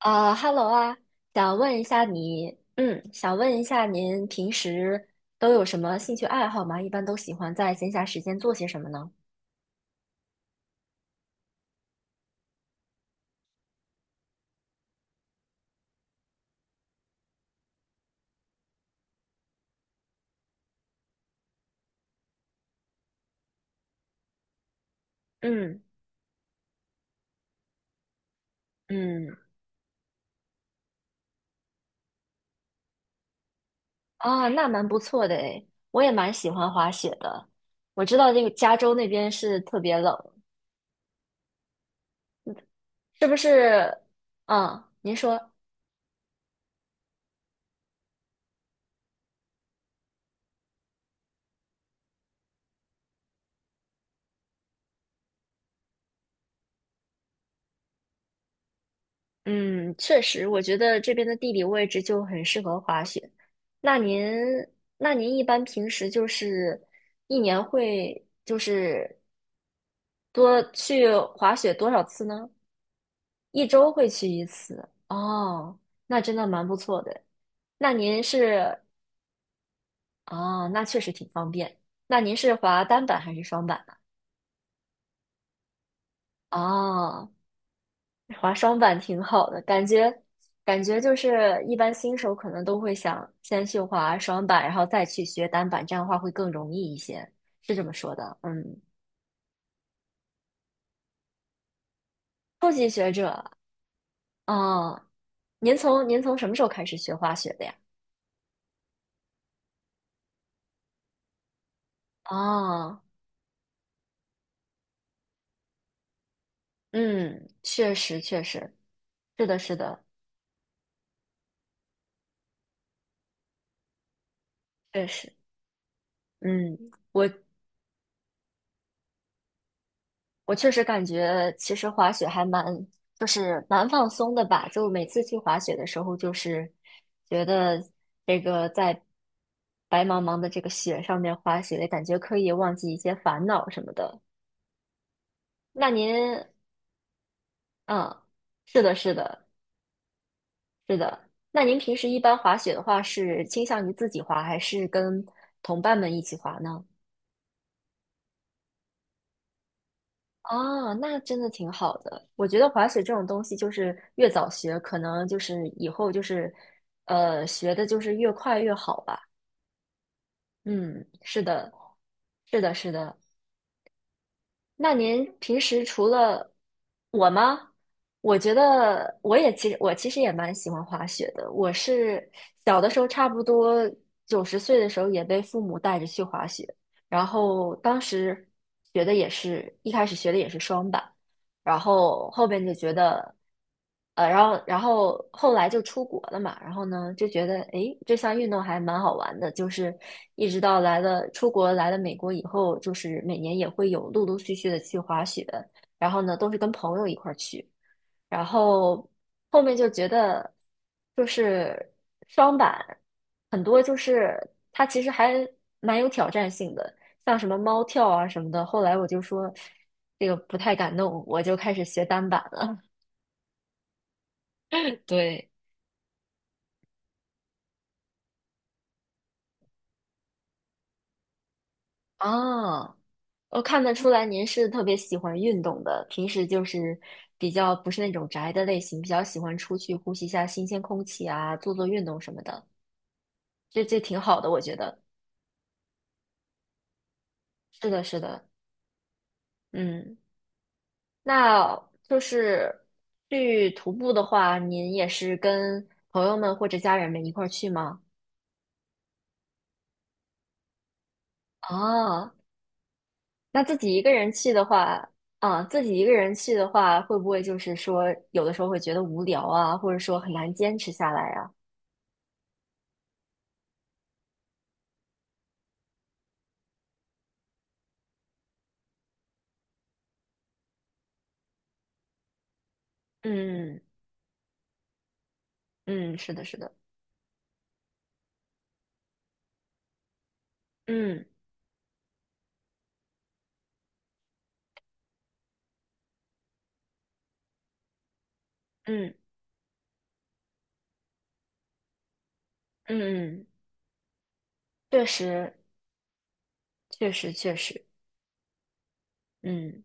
Hello 啊，想问一下您平时都有什么兴趣爱好吗？一般都喜欢在闲暇时间做些什么呢？嗯嗯，啊，那蛮不错的诶，我也蛮喜欢滑雪的。我知道这个加州那边是特别冷，是不是？嗯，您说，嗯，确实，我觉得这边的地理位置就很适合滑雪。那您，那您一般平时就是一年会就是多去滑雪多少次呢？一周会去一次。哦，那真的蛮不错的。那您是，哦，那确实挺方便。那您是滑单板还是双板呢？哦，滑双板挺好的，感觉就是一般新手可能都会想先去滑双板，然后再去学单板，这样的话会更容易一些，是这么说的。嗯，初级学者，哦，您从什么时候开始学滑雪的呀？哦。嗯，确实，确实，是的，是的，确实，嗯，我我确实感觉，其实滑雪还蛮，就是蛮放松的吧。就每次去滑雪的时候，就是觉得这个在白茫茫的这个雪上面滑雪，感觉可以忘记一些烦恼什么的。那您，嗯，是的，是的，是的。那您平时一般滑雪的话，是倾向于自己滑，还是跟同伴们一起滑呢？哦，那真的挺好的。我觉得滑雪这种东西，就是越早学，可能就是以后就是，学的就是越快越好吧。嗯，是的，是的，是的。那您平时除了我吗？我觉得我也其实我其实也蛮喜欢滑雪的。我是小的时候，差不多九十岁的时候也被父母带着去滑雪，然后当时学的也是一开始学的也是双板。然后后边就觉得，然后后来就出国了嘛，然后呢就觉得，诶，这项运动还蛮好玩的，就是一直到来了出国来了美国以后，就是每年也会有陆陆续续的去滑雪，然后呢都是跟朋友一块儿去。然后后面就觉得就是双板很多就是它其实还蛮有挑战性的，像什么猫跳啊什么的。后来我就说这个不太敢弄，我就开始学单板了。对，啊，我看得出来您是特别喜欢运动的，平时就是比较不是那种宅的类型，比较喜欢出去呼吸一下新鲜空气啊，做做运动什么的，这挺好的，我觉得。是的，是的，嗯。那就是去徒步的话，您也是跟朋友们或者家人们一块儿去吗？啊，那自己一个人去的话，啊，自己一个人去的话，会不会就是说有的时候会觉得无聊啊，或者说很难坚持下来呀？嗯嗯，是的，是的，嗯嗯嗯嗯，确实确实确实，嗯。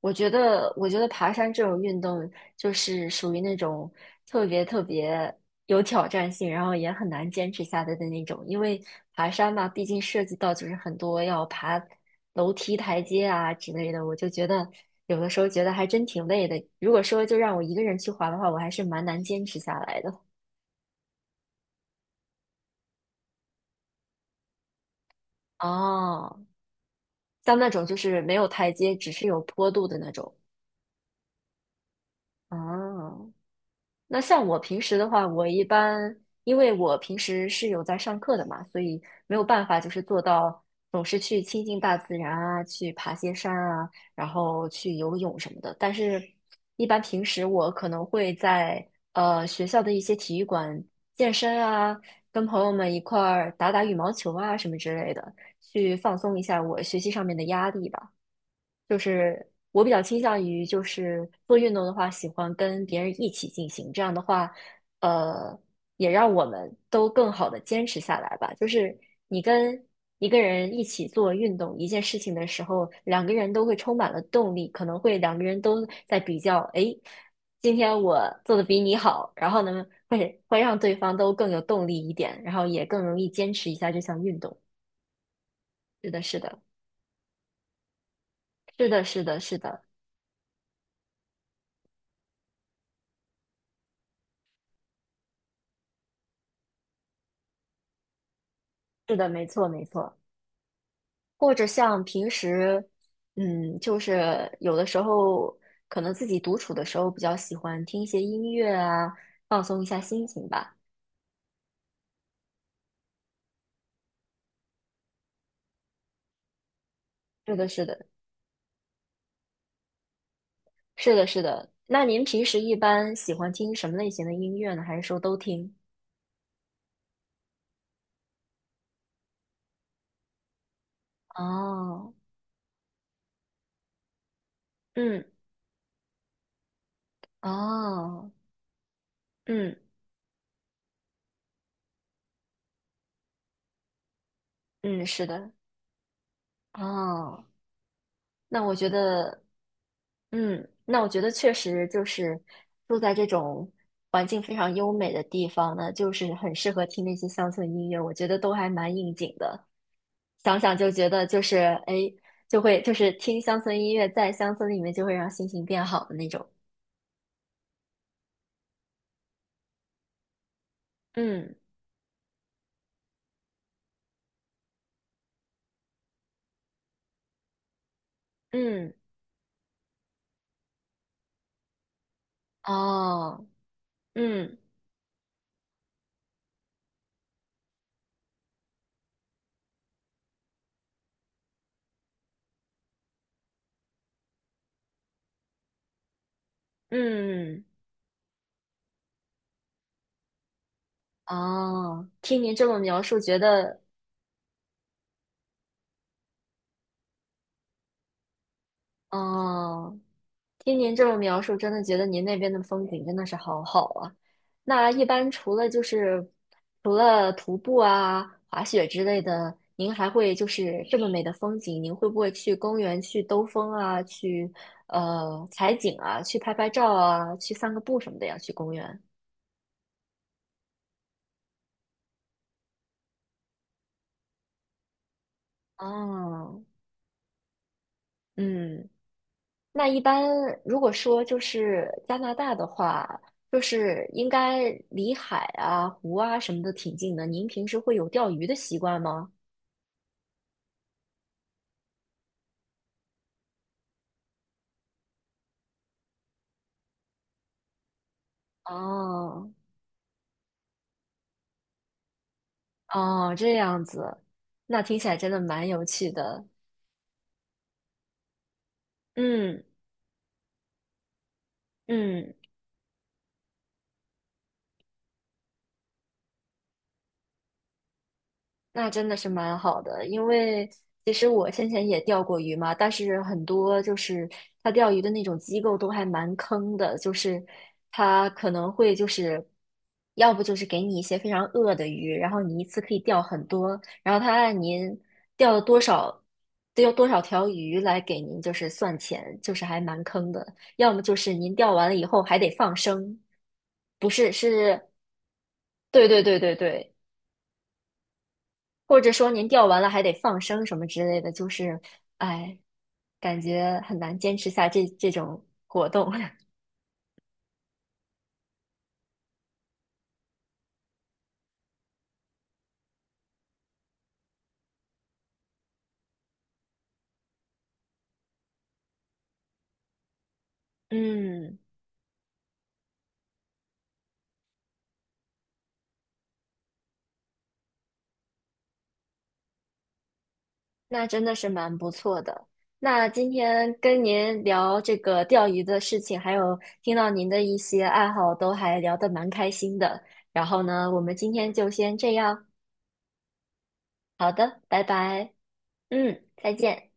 我觉得，我觉得爬山这种运动就是属于那种特别特别有挑战性，然后也很难坚持下来的那种。因为爬山嘛，毕竟涉及到就是很多要爬楼梯、台阶啊之类的，我就觉得有的时候觉得还真挺累的。如果说就让我一个人去滑的话，我还是蛮难坚持下来的。哦，像那种就是没有台阶，只是有坡度的那种。哦，那像我平时的话，我一般因为我平时是有在上课的嘛，所以没有办法就是做到总是去亲近大自然啊，去爬些山啊，然后去游泳什么的。但是，一般平时我可能会在学校的一些体育馆健身啊，跟朋友们一块儿打打羽毛球啊什么之类的，去放松一下我学习上面的压力吧。就是我比较倾向于，就是做运动的话，喜欢跟别人一起进行。这样的话，呃，也让我们都更好的坚持下来吧。就是你跟一个人一起做运动一件事情的时候，两个人都会充满了动力，可能会两个人都在比较，诶，今天我做的比你好，然后呢，会让对方都更有动力一点，然后也更容易坚持一下这项运动。是的，是的，是的，是的，是的，是的，没错，没错。或者像平时，嗯，就是有的时候可能自己独处的时候比较喜欢听一些音乐啊，放松一下心情吧。是的，是的，是的，是的。那您平时一般喜欢听什么类型的音乐呢？还是说都听？哦，嗯，哦，嗯嗯，是的，哦。那我觉得，嗯，那我觉得确实就是住在这种环境非常优美的地方呢，就是很适合听那些乡村音乐，我觉得都还蛮应景的。想想就觉得就是哎，就会就是听乡村音乐，在乡村里面就会让心情变好的那种。嗯嗯，哦，嗯嗯哦，听您这么描述，觉得哦，听您这么描述，真的觉得您那边的风景真的是好好啊。那一般除了就是除了徒步啊、滑雪之类的，您还会就是这么美的风景，您会不会去公园去兜风啊，去采景啊，去拍拍照啊，去散个步什么的呀？去公园。哦，嗯。那一般如果说就是加拿大的话，就是应该离海啊、湖啊什么的挺近的。您平时会有钓鱼的习惯吗？哦哦，这样子，那听起来真的蛮有趣的。嗯嗯。那真的是蛮好的，因为其实我先前也钓过鱼嘛，但是很多就是他钓鱼的那种机构都还蛮坑的，就是他可能会就是要不就是给你一些非常恶的鱼，然后你一次可以钓很多，然后他按您钓了多少，钓多少条鱼来给您就是算钱，就是还蛮坑的。要么就是您钓完了以后还得放生，不是，是，对对对对对。或者说您钓完了还得放生什么之类的，就是，哎，感觉很难坚持下这种活动。嗯，那真的是蛮不错的。那今天跟您聊这个钓鱼的事情，还有听到您的一些爱好，都还聊得蛮开心的。然后呢，我们今天就先这样。好的，拜拜。嗯，再见。